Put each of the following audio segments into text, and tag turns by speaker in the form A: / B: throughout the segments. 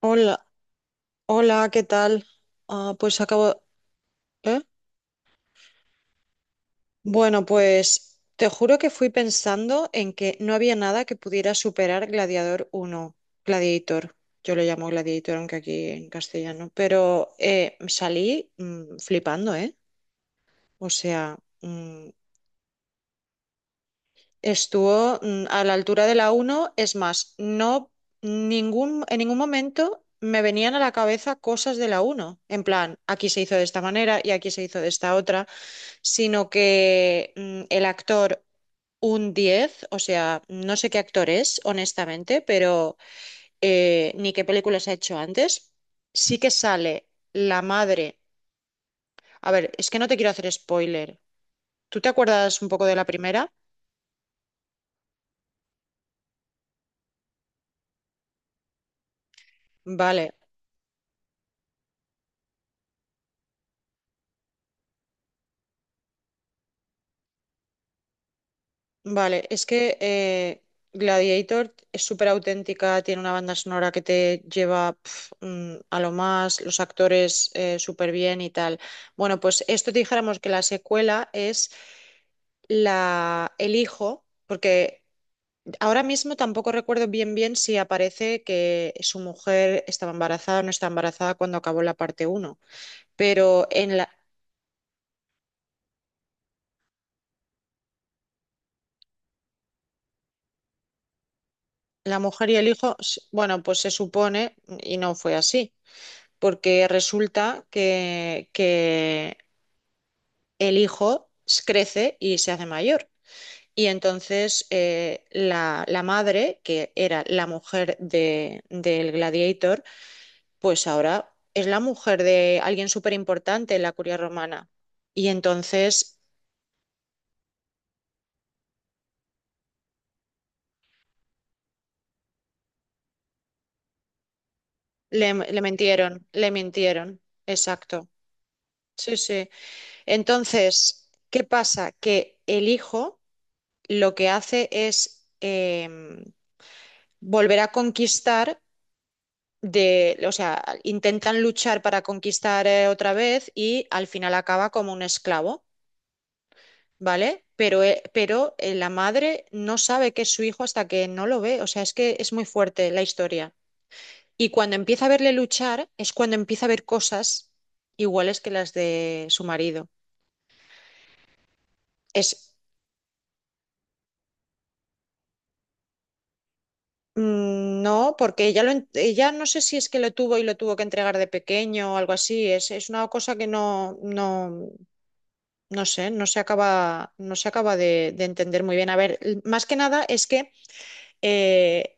A: Hola, hola, ¿qué tal? Ah, pues acabo. ¿Eh? Bueno, pues te juro que fui pensando en que no había nada que pudiera superar Gladiador uno, Gladiator. Yo lo llamo Gladiator, aunque aquí en castellano. Pero salí flipando, ¿eh? O sea, estuvo a la altura de la uno. Es más, no en ningún momento me venían a la cabeza cosas de la uno. En plan, aquí se hizo de esta manera y aquí se hizo de esta otra, sino que el actor un 10, o sea, no sé qué actor es, honestamente, pero ni qué películas ha hecho antes. Sí que sale la madre. A ver, es que no te quiero hacer spoiler. ¿Tú te acuerdas un poco de la primera? Vale, vale. Es que Gladiator es súper auténtica, tiene una banda sonora que te lleva pf, a lo más, los actores súper bien y tal. Bueno, pues esto dijéramos que la secuela es la elijo, porque ahora mismo tampoco recuerdo bien si aparece que su mujer estaba embarazada o no estaba embarazada cuando acabó la parte uno, pero en la mujer y el hijo, bueno, pues se supone, y no fue así, porque resulta que el hijo crece y se hace mayor. Y entonces la madre, que era la mujer del gladiator, pues ahora es la mujer de alguien súper importante en la curia romana. Y entonces le mintieron, le mintieron. Exacto. Sí, sí. Entonces, ¿qué pasa? Que el hijo lo que hace es volver a conquistar de, o sea, intentan luchar para conquistar otra vez y al final acaba como un esclavo. ¿Vale? Pero, la madre no sabe que es su hijo hasta que no lo ve. O sea, es que es muy fuerte la historia. Y cuando empieza a verle luchar, es cuando empieza a ver cosas iguales que las de su marido. Es. No, porque ella, ella no sé si es que lo tuvo y lo tuvo que entregar de pequeño o algo así. Es una cosa que no sé, no se acaba de entender muy bien. A ver, más que nada es que eh,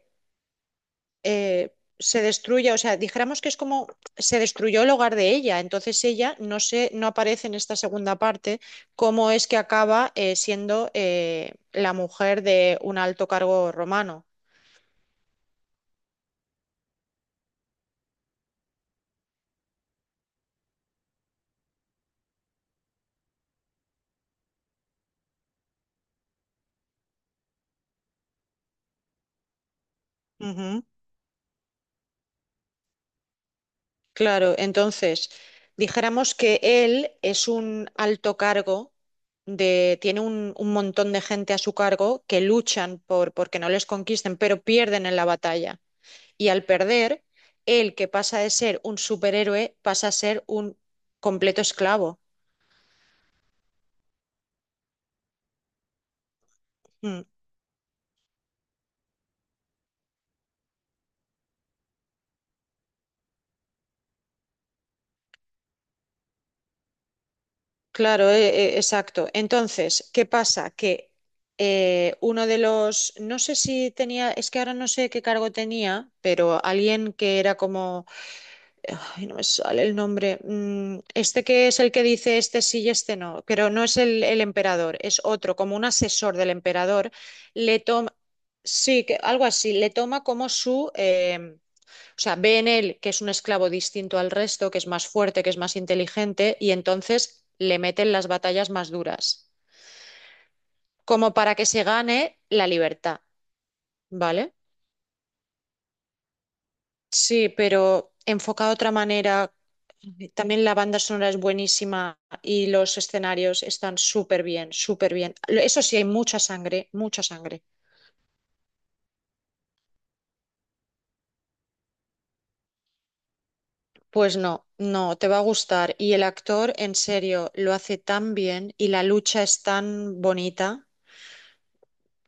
A: se destruya, o sea, dijéramos que es como se destruyó el hogar de ella, entonces ella no se, no aparece en esta segunda parte cómo es que acaba siendo la mujer de un alto cargo romano. Ujú. Claro, entonces dijéramos que él es un alto cargo de, tiene un montón de gente a su cargo que luchan por porque no les conquisten, pero pierden en la batalla, y al perder, él que pasa de ser un superhéroe pasa a ser un completo esclavo. Mm, claro, exacto. Entonces, ¿qué pasa? Que uno de los, no sé si tenía, es que ahora no sé qué cargo tenía, pero alguien que era como, ay, no me sale el nombre, este que es el que dice este sí y este no, pero no es el emperador, es otro, como un asesor del emperador, le toma, sí, que, algo así, le toma como su... O sea, ve en él que es un esclavo distinto al resto, que es más fuerte, que es más inteligente, y entonces le meten las batallas más duras, como para que se gane la libertad, ¿vale? Sí, pero enfocado de otra manera, también la banda sonora es buenísima y los escenarios están súper bien, súper bien. Eso sí, hay mucha sangre, mucha sangre. Pues no, no, te va a gustar. Y el actor, en serio, lo hace tan bien y la lucha es tan bonita.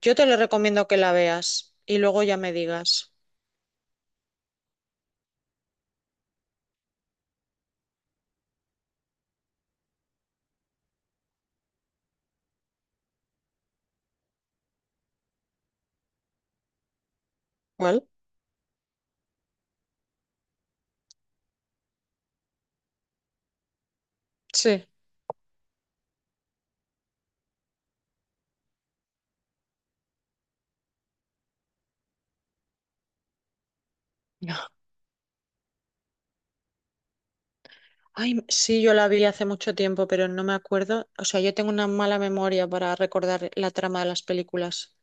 A: Yo te lo recomiendo que la veas y luego ya me digas. ¿Cuál? Sí. Ay, sí, yo la vi hace mucho tiempo, pero no me acuerdo. O sea, yo tengo una mala memoria para recordar la trama de las películas.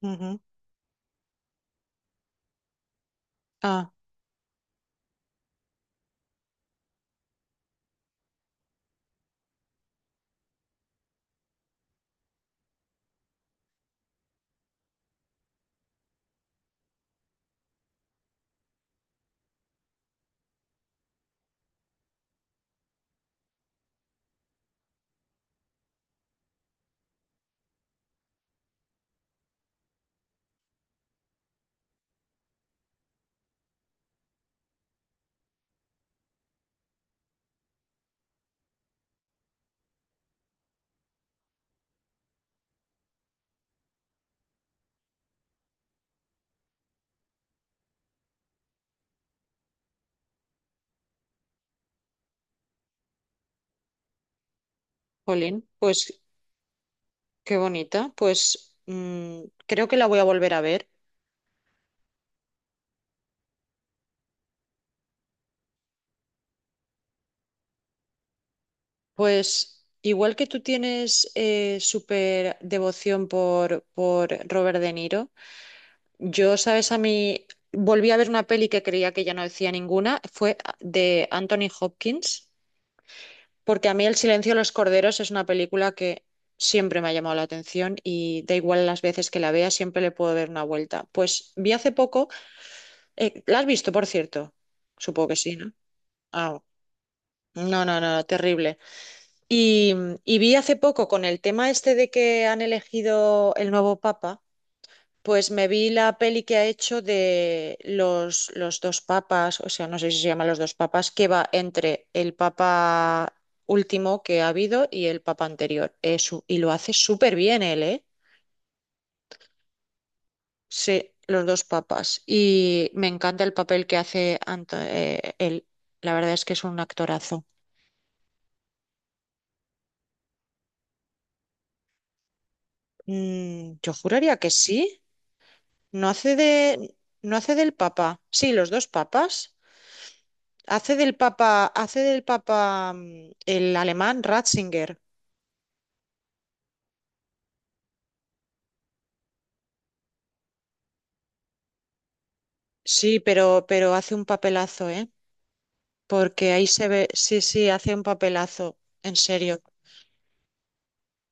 A: Ujú, ujú. Ah, jolín, pues qué bonita. Pues creo que la voy a volver a ver. Pues igual que tú tienes súper devoción por Robert De Niro. Yo, sabes, a mí volví a ver una peli que creía que ya no decía ninguna, fue de Anthony Hopkins, porque a mí El silencio de los corderos es una película que siempre me ha llamado la atención y da igual las veces que la vea, siempre le puedo dar una vuelta. Pues vi hace poco, ¿la has visto, por cierto? Supongo que sí, ¿no? Ah, no, no, no, terrible. Y, y vi hace poco con el tema este de que han elegido el nuevo papa. Pues me vi la peli que ha hecho de los dos papas, o sea, no sé si se llama los dos papas, que va entre el papa último que ha habido y el papa anterior. Y lo hace súper bien él, ¿eh? Sí, los dos papas. Y me encanta el papel que hace él. La verdad es que es un actorazo. Yo juraría que sí. No hace de, no hace del papa. Sí, los dos papas. Hace del papa el alemán Ratzinger. Sí, pero hace un papelazo, ¿eh? Porque ahí se ve, sí, sí, hace un papelazo, en serio.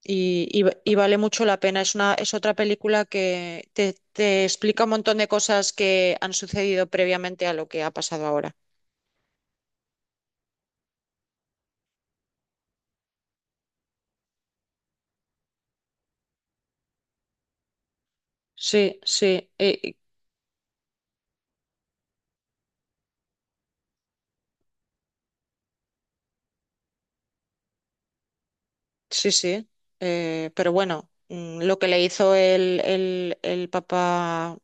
A: Y, y- y vale mucho la pena. Es una, es otra película que te explica un montón de cosas que han sucedido previamente a lo que ha pasado ahora. Sí, sí. Sí, sí, pero bueno, lo que le hizo el papa,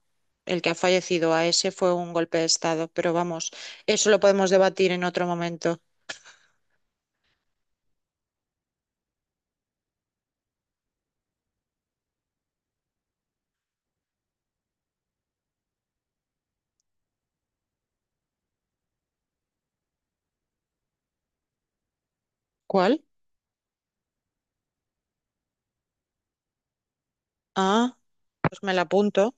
A: el que ha fallecido a ese, fue un golpe de estado, pero vamos, eso lo podemos debatir en otro momento. ¿Cuál? Ah, pues me la apunto.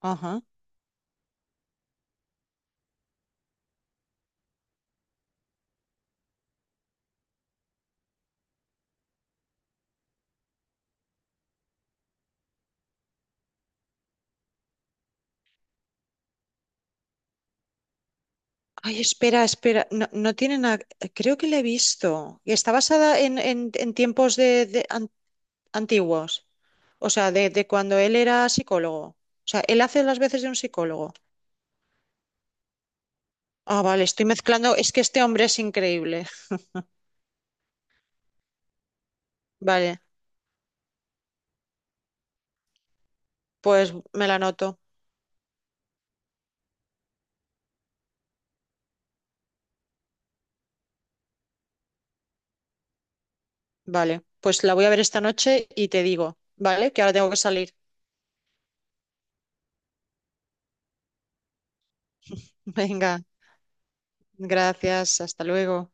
A: Ajá. Ay, espera, espera, no, no tiene nada, creo que la he visto. Y está basada en tiempos de, antiguos, o sea, de cuando él era psicólogo. O sea, él hace las veces de un psicólogo. Ah, vale, estoy mezclando, es que este hombre es increíble. Vale, pues me la anoto. Vale, pues la voy a ver esta noche y te digo, ¿vale? Que ahora tengo que salir. Venga, gracias, hasta luego.